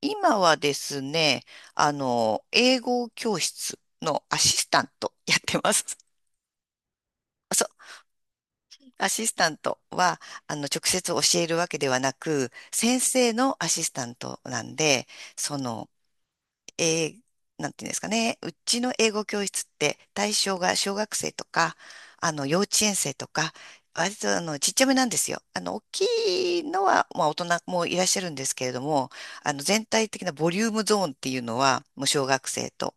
今はですね、英語教室のアシスタントやってます。そう、アシスタントは、直接教えるわけではなく、先生のアシスタントなんで、その、えーなんていうんですかね、うちの英語教室って対象が小学生とか、幼稚園生とか、割とちっちゃめなんですよ。あの大きいのは、まあ、大人もいらっしゃるんですけれども、全体的なボリュームゾーンっていうのは、もう小学生と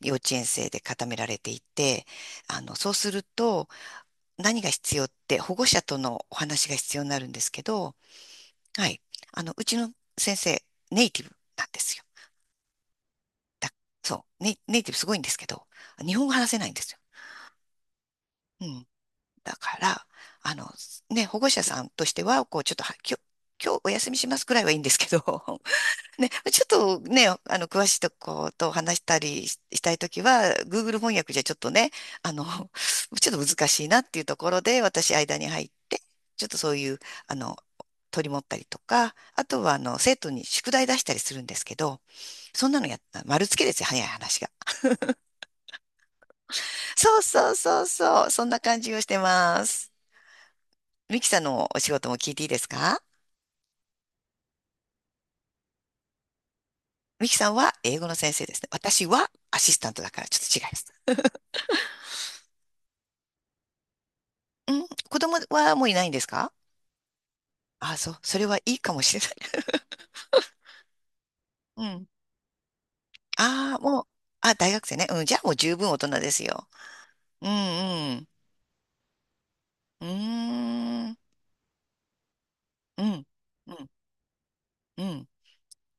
幼稚園生で固められていて、そうすると何が必要って保護者とのお話が必要になるんですけど、はい、うちの先生、ネイティブなんですよ。だ、そう、ネイティブすごいんですけど、日本語話せないんですよ。うん。だから、あの、ね、保護者さんとしては、こう、ちょっとは、今日お休みしますくらいはいいんですけど、ね、ちょっとね、詳しいとこと話したりししたいときは、Google 翻訳じゃちょっとね、あの、ちょっと難しいなっていうところで、私間に入って、ちょっとそういう、あの、取り持ったりとか、あとは、生徒に宿題出したりするんですけど、そんなのやった、丸つけですよ、早い話が。そうそうそうそう。そんな感じをしてます。ミキさんのお仕事も聞いていいですか？ミキさんは英語の先生ですね。私はアシスタントだからちょっと違います。うん。子供はもういないんですか？あ、そう。それはいいかもしれない。うん。ああ、もう、あ、大学生ね。うん。じゃあもう十分大人ですよ。うんうん。うーん。うん。うん。うん。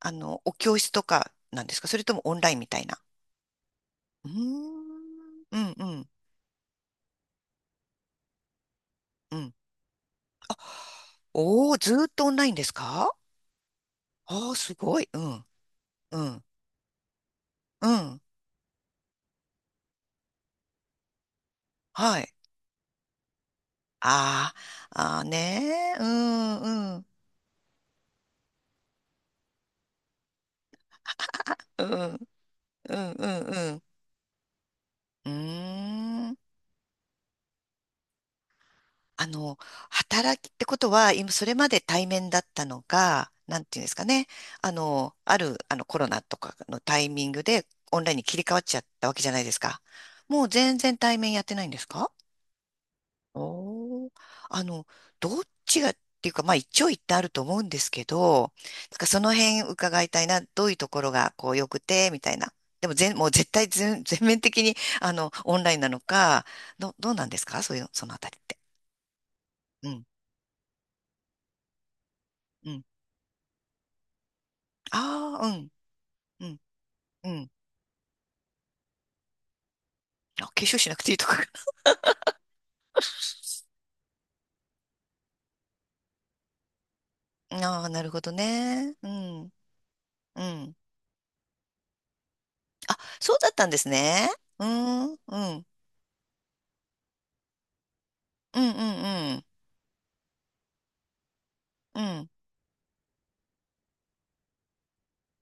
お教室とかなんですか？それともオンラインみたいな。うーん。うんうん。うん。おー、ずーっとオンラインですか？おー、すごい。うん、うん、うん。はい。あー、あーねー。うん、うん、うん、うん、うん、うん。うーん。あの、働きってことは、今、それまで対面だったのが、なんていうんですかね。あの、ある、あの、コロナとかのタイミングで、オンラインに切り替わっちゃったわけじゃないですか。もう全然対面やってないんですか？おー、あの、どっちがっていうか、まあ一長一短あると思うんですけど、なんかその辺伺いたいな、どういうところがこう良くて、みたいな。でも全、もう絶対全、全面的に、オンラインなのか、どうなんですか？そういう、そのあたりって。うん、うん。ああ、うん、うん、うん。あ、化粧しなくていいとかかな。ああ、なるほどね。うん、うん。あ、そうだったんですね。うん、うん、うん、うん、うん、うん、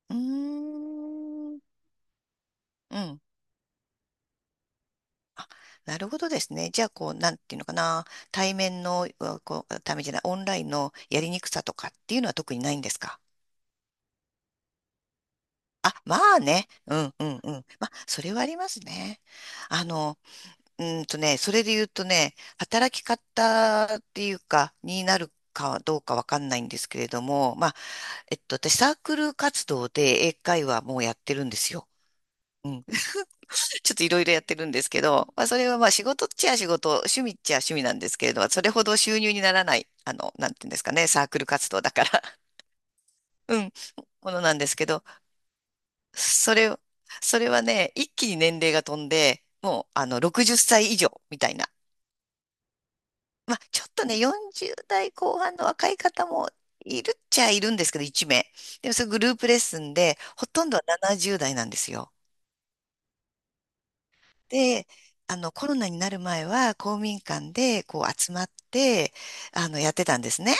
うーん、うん。なるほどですね。じゃあ、こう、なんていうのかな。対面の、うこう、ためじゃない、オンラインのやりにくさとかっていうのは特にないんですか？あ、まあね。うんうんうん。まあ、それはありますね。あの、ね、それで言うとね、働き方っていうか、になるかどうかわかんないんですけれども、まあ、えっと、私、サークル活動で英会話もやってるんですよ。うん、ちょっといろいろやってるんですけど、まあ、それはまあ仕事っちゃ仕事、趣味っちゃ趣味なんですけれど、それほど収入にならない、なんていうんですかね、サークル活動だから、うん、ものなんですけど、それ、それはね、一気に年齢が飛んで、もう、60歳以上みたいな。まあ、ちょっとね、40代後半の若い方もいるっちゃいるんですけど、1名。でも、それグループレッスンで、ほとんどは70代なんですよ。で、コロナになる前は公民館でこう集まって、やってたんですね。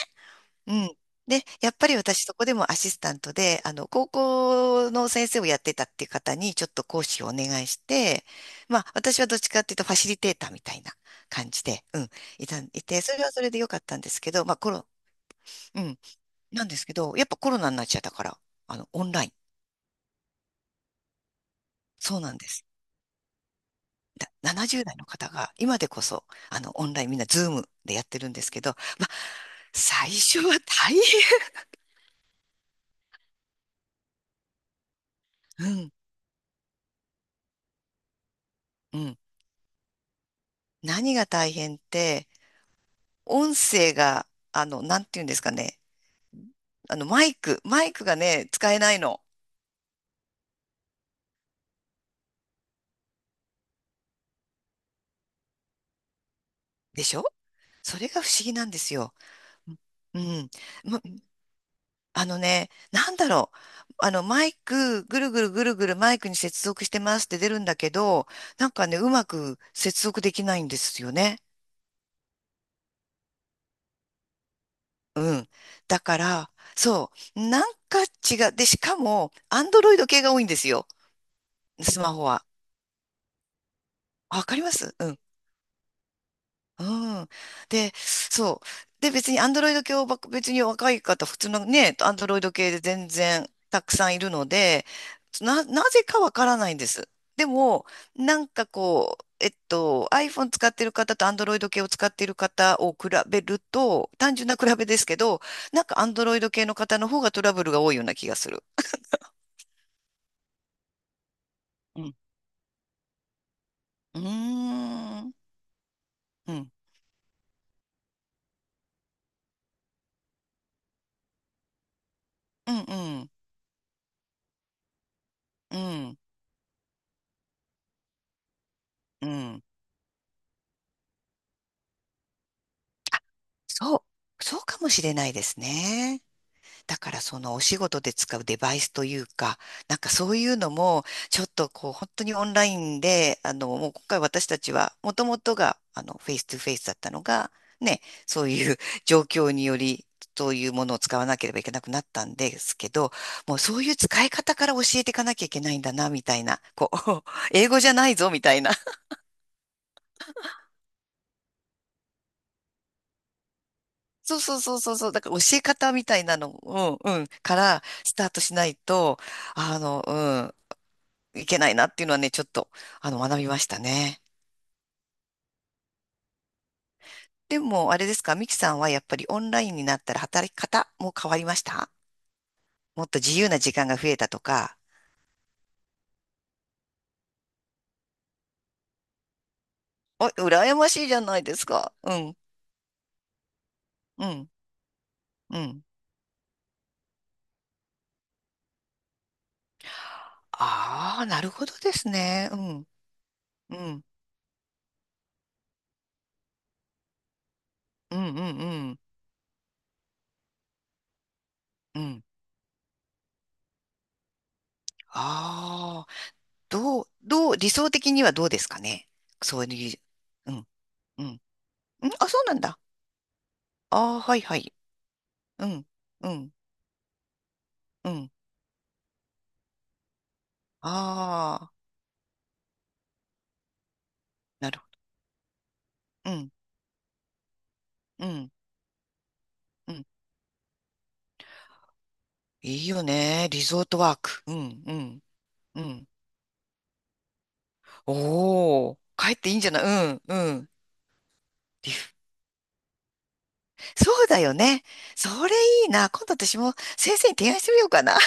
うん。で、やっぱり私そこでもアシスタントで、高校の先生をやってたっていう方にちょっと講師をお願いして、まあ、私はどっちかっていうとファシリテーターみたいな感じで、うん、いて、それはそれでよかったんですけど、まあ、コロ、うん、なんですけど、やっぱコロナになっちゃったから、オンライン。そうなんです。な70代の方が、今でこそ、オンラインみんなズームでやってるんですけど、まあ、最初は大変。うん、うん。何が大変って、音声が、なんて言うんですかね。マイクがね、使えないの。でしょ？それが不思議なんですよ。うん。ま、あのね、なんだろう。あの、マイク、ぐるぐるぐるぐるマイクに接続してますって出るんだけど、なんかね、うまく接続できないんですよね。うん。だから、そう。なんか違う。で、しかも、アンドロイド系が多いんですよ。スマホは。あ、わかります。うん。うん。で、そう。で、別にアンドロイド系をばっか、別に若い方、普通のね、アンドロイド系で全然たくさんいるので、なぜかわからないんです。でも、なんかこう、iPhone 使ってる方と Android 系を使ってる方を比べると、単純な比べですけど、なんか Android 系の方の方がトラブルが多いような気がする。うん。うーん。うん。うん。うん。うん。うん、そう。そうかもしれないですね。だからそのお仕事で使うデバイスというか、なんかそういうのも、ちょっとこう本当にオンラインで、もう今回私たちは、もともとが、フェイストゥフェイスだったのが、ね、そういう 状況により、そういうものを使わなければいけなくなったんですけど、もうそういう使い方から教えていかなきゃいけないんだな、みたいな、こう、英語じゃないぞ、みたいな。そうそうそうそうそう。だから教え方みたいなの、うんうん、からスタートしないと、あの、うん、いけないなっていうのはね、ちょっと、学びましたね。でも、あれですか、ミキさんはやっぱりオンラインになったら働き方も変わりました？もっと自由な時間が増えたとか。お、羨ましいじゃないですか。うん、うん、うん。ああ、なるほどですね。うん、うん、うん、うん、うん。うん、ああー、どう、どう、理想的にはどうですかね。そういう、うん。うん。ん、あ、そうなんだ。ああ、はいはい。うん、うん、うん。ああ、なるほど。うん、うん、うん。いいよね。リゾートワーク。うん、うん、うん。おお、帰っていいんじゃない？うん、うん。リフ、そうだよね。それいいな。今度私も先生に提案してみようかな。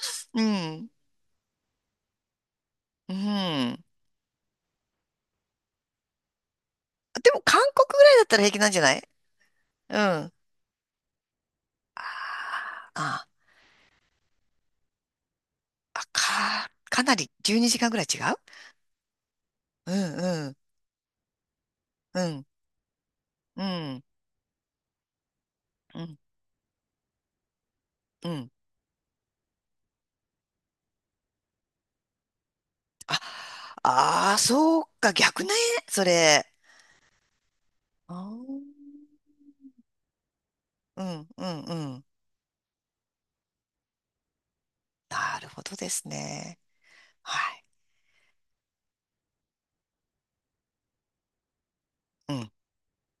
うん、うん。でも韓国ぐらいだったら平気なんじゃない？うん。あー、あ、かなり12時間ぐらい違う？うん、うん、うん、うん。うんうん。あ、ああ、そうか、逆ね、それ。あー、うん、うん、うん。なるほどですね。はい。うん、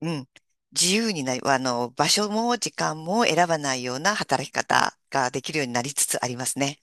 うん。自由になり、場所も時間も選ばないような働き方ができるようになりつつありますね。